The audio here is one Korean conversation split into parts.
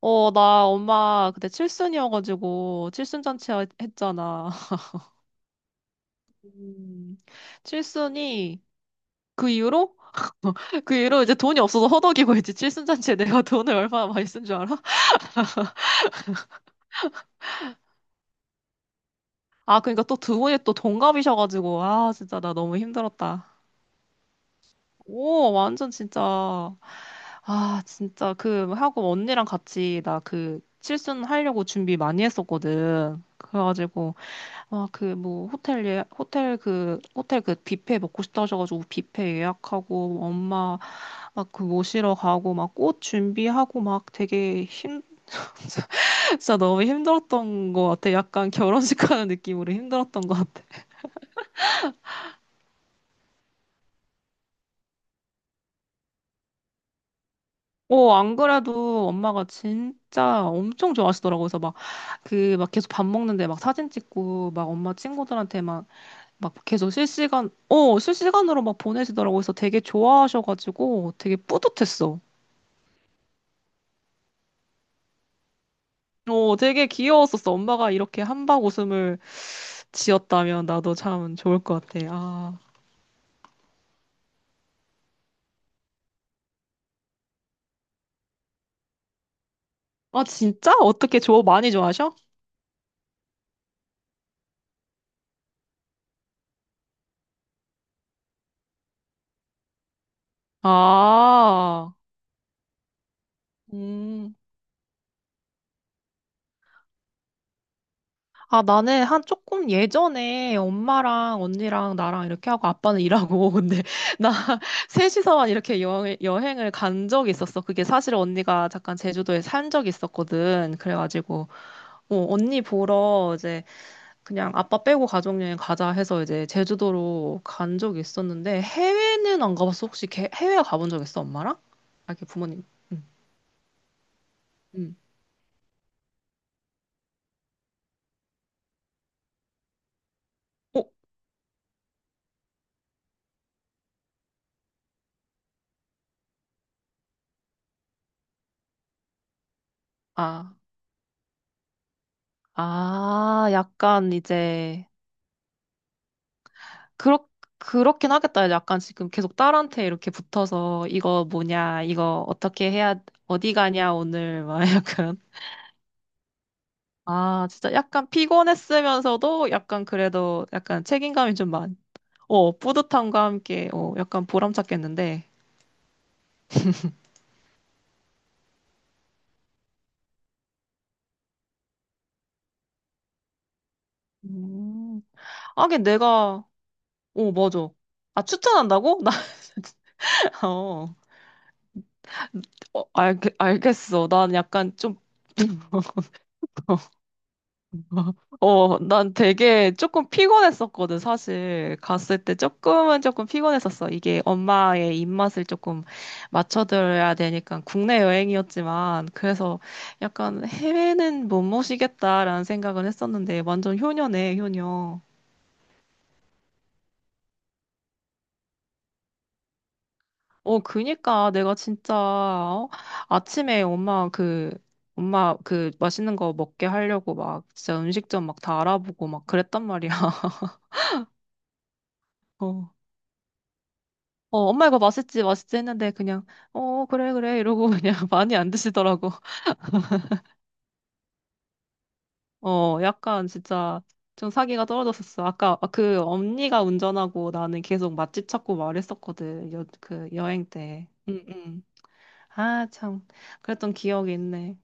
어, 나 엄마 그때 칠순이어가지고 칠순 잔치 했잖아. 음, 칠순이 그 이후로 그 이후로 이제 돈이 없어서 허덕이고 있지. 칠순 잔치에 내가 돈을 얼마나 많이 쓴 줄 알아? 아, 그러니까 또 두 분이 또 동갑이셔가지고 아, 진짜 나 너무 힘들었다. 오, 완전 진짜. 아, 진짜 그 하고 언니랑 같이 나 그 칠순 하려고 준비 많이 했었거든. 그래가지고 아, 그, 뭐, 호텔 그 뷔페 먹고 싶다 하셔가지고, 뷔페 예약하고, 엄마, 막 그 모시러 가고, 막 꽃 준비하고, 진짜 너무 힘들었던 것 같아. 약간 결혼식 가는 느낌으로 힘들었던 것 같아. 어, 안 그래도 엄마가 진짜 엄청 좋아하시더라고. 그래서 막, 그, 막 계속 밥 먹는데 막 사진 찍고, 막 엄마 친구들한테 막, 막 계속 실시간으로 막 보내시더라고. 그래서 되게 좋아하셔가지고 되게 뿌듯했어. 어, 되게 귀여웠었어. 엄마가 이렇게 함박 웃음을 지었다면 나도 참 좋을 것 같아. 아, 아 진짜? 어떻게 좋아? 많이 좋아하셔? 아, 음. 아, 나는 한 조금 예전에 엄마랑 언니랑 나랑 이렇게 하고 아빠는 일하고 근데 나 셋이서만 이렇게 여행을 간 적이 있었어. 그게 사실 언니가 잠깐 제주도에 산 적이 있었거든. 그래가지고 어, 언니 보러 이제 그냥 아빠 빼고 가족여행 가자 해서 이제 제주도로 간 적이 있었는데 해외는 안 가봤어. 혹시 해외 가본 적 있어, 엄마랑? 아, 이렇게 부모님. 응. 응. 어? 아, 아, 약간 이제 그렇 그렇긴 하겠다. 약간 지금 계속 딸한테 이렇게 붙어서 이거 뭐냐, 이거 어떻게 해야 어디 가냐 오늘 막 약간 아, 진짜 약간 피곤했으면서도 약간 그래도 약간 책임감이 좀 많. 어, 뿌듯함과 함께 어, 약간 보람 찾겠는데. 음. 하긴 내가, 어, 맞아. 아, 추천한다고? 나, 진짜, 어, 어, 알겠어. 난 약간 좀, 어, 난 되게 조금 피곤했었거든, 사실. 갔을 때 조금은 조금 피곤했었어. 이게 엄마의 입맛을 조금 맞춰드려야 되니까 국내 여행이었지만, 그래서 약간 해외는 못 모시겠다라는 생각은 했었는데, 완전 효녀네, 효녀. 어, 그니까 내가 진짜 어? 아침에 엄마 그 맛있는 거 먹게 하려고 막 진짜 음식점 막 다 알아보고 막 그랬단 말이야. 어. 어, 엄마 이거 맛있지, 맛있지 했는데 그냥 어, 그래, 그래 이러고 그냥 많이 안 드시더라고. 어, 약간 진짜 좀 사기가 떨어졌었어. 아까 그 언니가 운전하고 나는 계속 맛집 찾고 말했었거든. 그 여행 때. 응, 응. 아, 참. 그랬던 기억이 있네.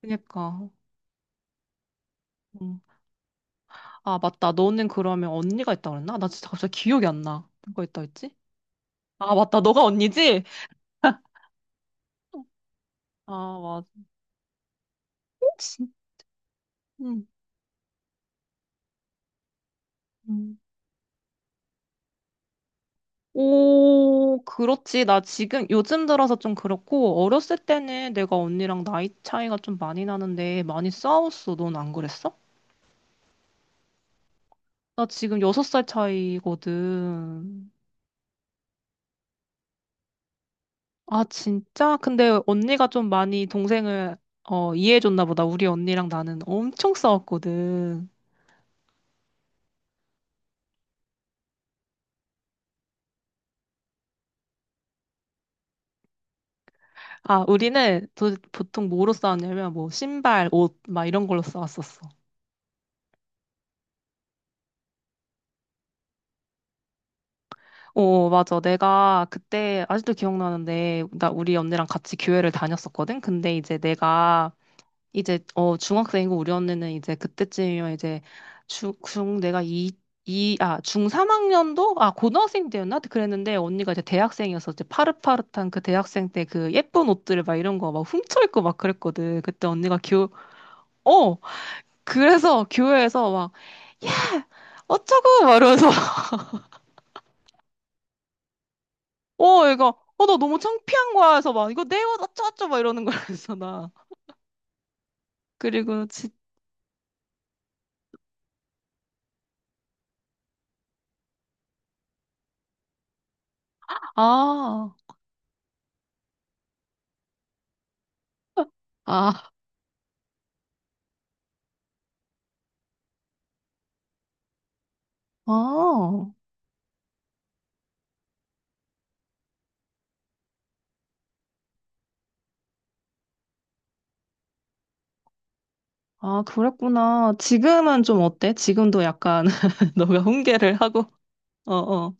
그니까. 어. 아, 맞다. 너는 그러면 언니가 있다 그랬나? 나 진짜 갑자기 기억이 안 나. 누가 있다 했지? 아, 맞다. 너가 언니지? 아, 맞아. 혹시? 응. 응. 오, 그렇지. 나 지금 요즘 들어서 좀 그렇고, 어렸을 때는 내가 언니랑 나이 차이가 좀 많이 나는데 많이 싸웠어. 넌 안 그랬어? 나 지금 6살 차이거든. 아, 진짜? 근데 언니가 좀 많이 동생을 어, 이해해줬나 보다. 우리 언니랑 나는 엄청 싸웠거든. 아, 우리는 도, 보통 뭐로 싸웠냐면, 뭐, 신발, 옷, 막 이런 걸로 싸웠었어. 어, 어, 맞아. 내가 그때, 아직도 기억나는데, 나 우리 언니랑 같이 교회를 다녔었거든? 근데 이제 내가, 이제, 어, 중학생이고 우리 언니는 이제 그때쯤이면 이제, 중, 중, 내가 이, 이, 아, 중 3학년도? 아, 고등학생 때였나? 그랬는데, 언니가 이제 대학생이어서 이제 파릇파릇한 그 대학생 때 그 예쁜 옷들을 막 이런 거 막 훔쳐입고 막 그랬거든. 그때 언니가 교, 어! 그래서 교회에서 막, 야! 어쩌고! 막 이러면서, 어, 얘가, 어, 나 너무 창피한 거야. 해서 막, 이거 내 옷 어쩌어쩌! 막 이러는 거야. 그래서 나. 그리고, 진 아, 아, 아, 아, 그랬구나. 지금은 좀 어때? 지금도 약간, 너가 훈계를 하고, 어, 어.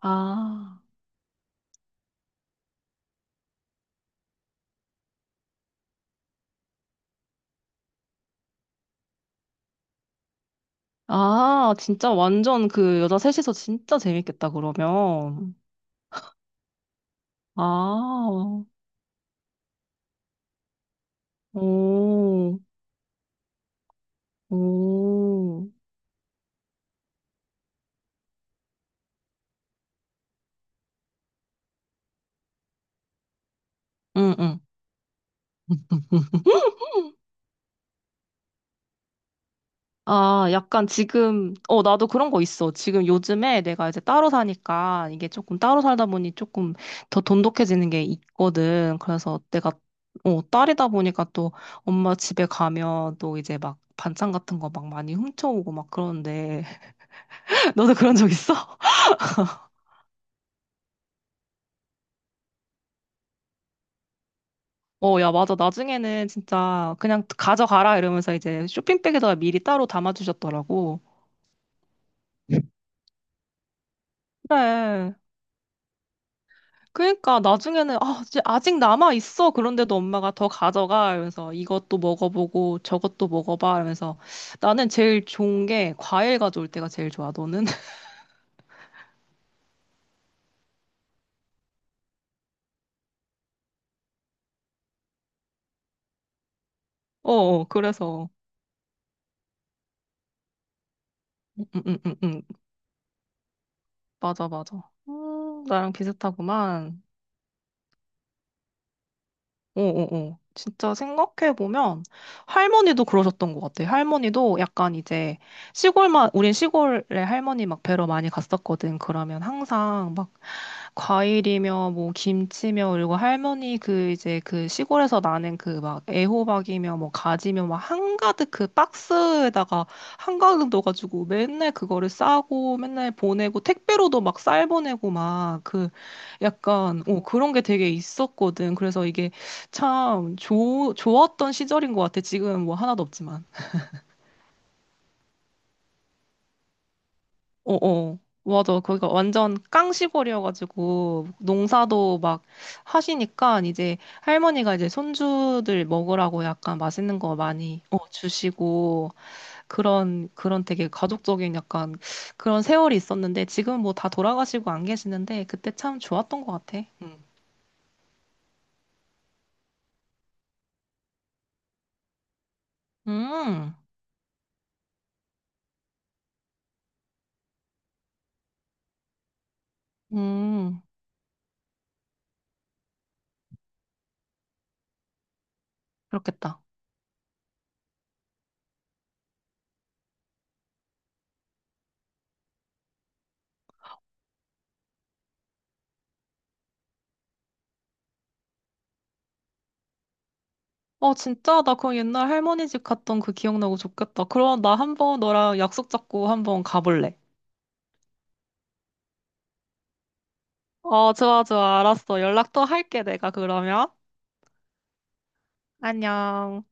아, 아, 진짜 완전 그 여자 셋이서 진짜 재밌겠다, 그러면. 아, 오, 오, 응, 응. 아, 약간 지금, 어, 나도 그런 거 있어. 지금 요즘에 내가 이제 따로 사니까 이게 조금 따로 살다 보니 조금 더 돈독해지는 게 있거든. 그래서 내가, 어, 딸이다 보니까 또 엄마 집에 가면 또 이제 막 반찬 같은 거 막 많이 훔쳐오고 막 그러는데. 너도 그런 적 있어? 어, 야, 맞아. 나중에는 진짜 그냥 가져가라 이러면서 이제 쇼핑백에다가 미리 따로 담아주셨더라고. 그래. 그러니까 나중에는 아, 이제 아직 남아 있어. 그런데도 엄마가 더 가져가 이러면서 이것도 먹어보고 저것도 먹어봐 이러면서 나는 제일 좋은 게 과일 가져올 때가 제일 좋아. 너는? 어, 어, 그래서 음, 음, 음, 음. 맞아, 맞아. 나랑 비슷하구만. 어어어. 진짜 생각해보면 할머니도 그러셨던 것 같아. 할머니도 약간 이제 시골만, 우린 시골에 할머니 막 뵈러 많이 갔었거든. 그러면 항상 막 과일이며 뭐 김치며 그리고 할머니 그 이제 그 시골에서 나는 그 막 애호박이며 뭐 가지며 막 한가득 그 박스에다가 한가득 넣어가지고 맨날 그거를 싸고 맨날 보내고 택배로도 막 쌀 보내고 막 그 약간 어 그런 게 되게 있었거든. 그래서 이게 참 좋았던 시절인 것 같아. 지금 뭐 하나도 없지만. 어어. 맞아. 거기가 완전 깡시골이어가지고 농사도 막 하시니까 이제 할머니가 이제 손주들 먹으라고 약간 맛있는 거 많이 어, 주시고 그런 그런 되게 가족적인 약간 그런 세월이 있었는데 지금 뭐 다 돌아가시고 안 계시는데 그때 참 좋았던 것 같아. 음. 음. 음. 그렇겠다. 어, 진짜? 나 그거 옛날 할머니 집 갔던 그 기억나고 좋겠다. 그럼 나 한번 너랑 약속 잡고 한번 가볼래. 어, 좋아, 좋아. 알았어. 연락 또 할게, 내가 그러면. 안녕.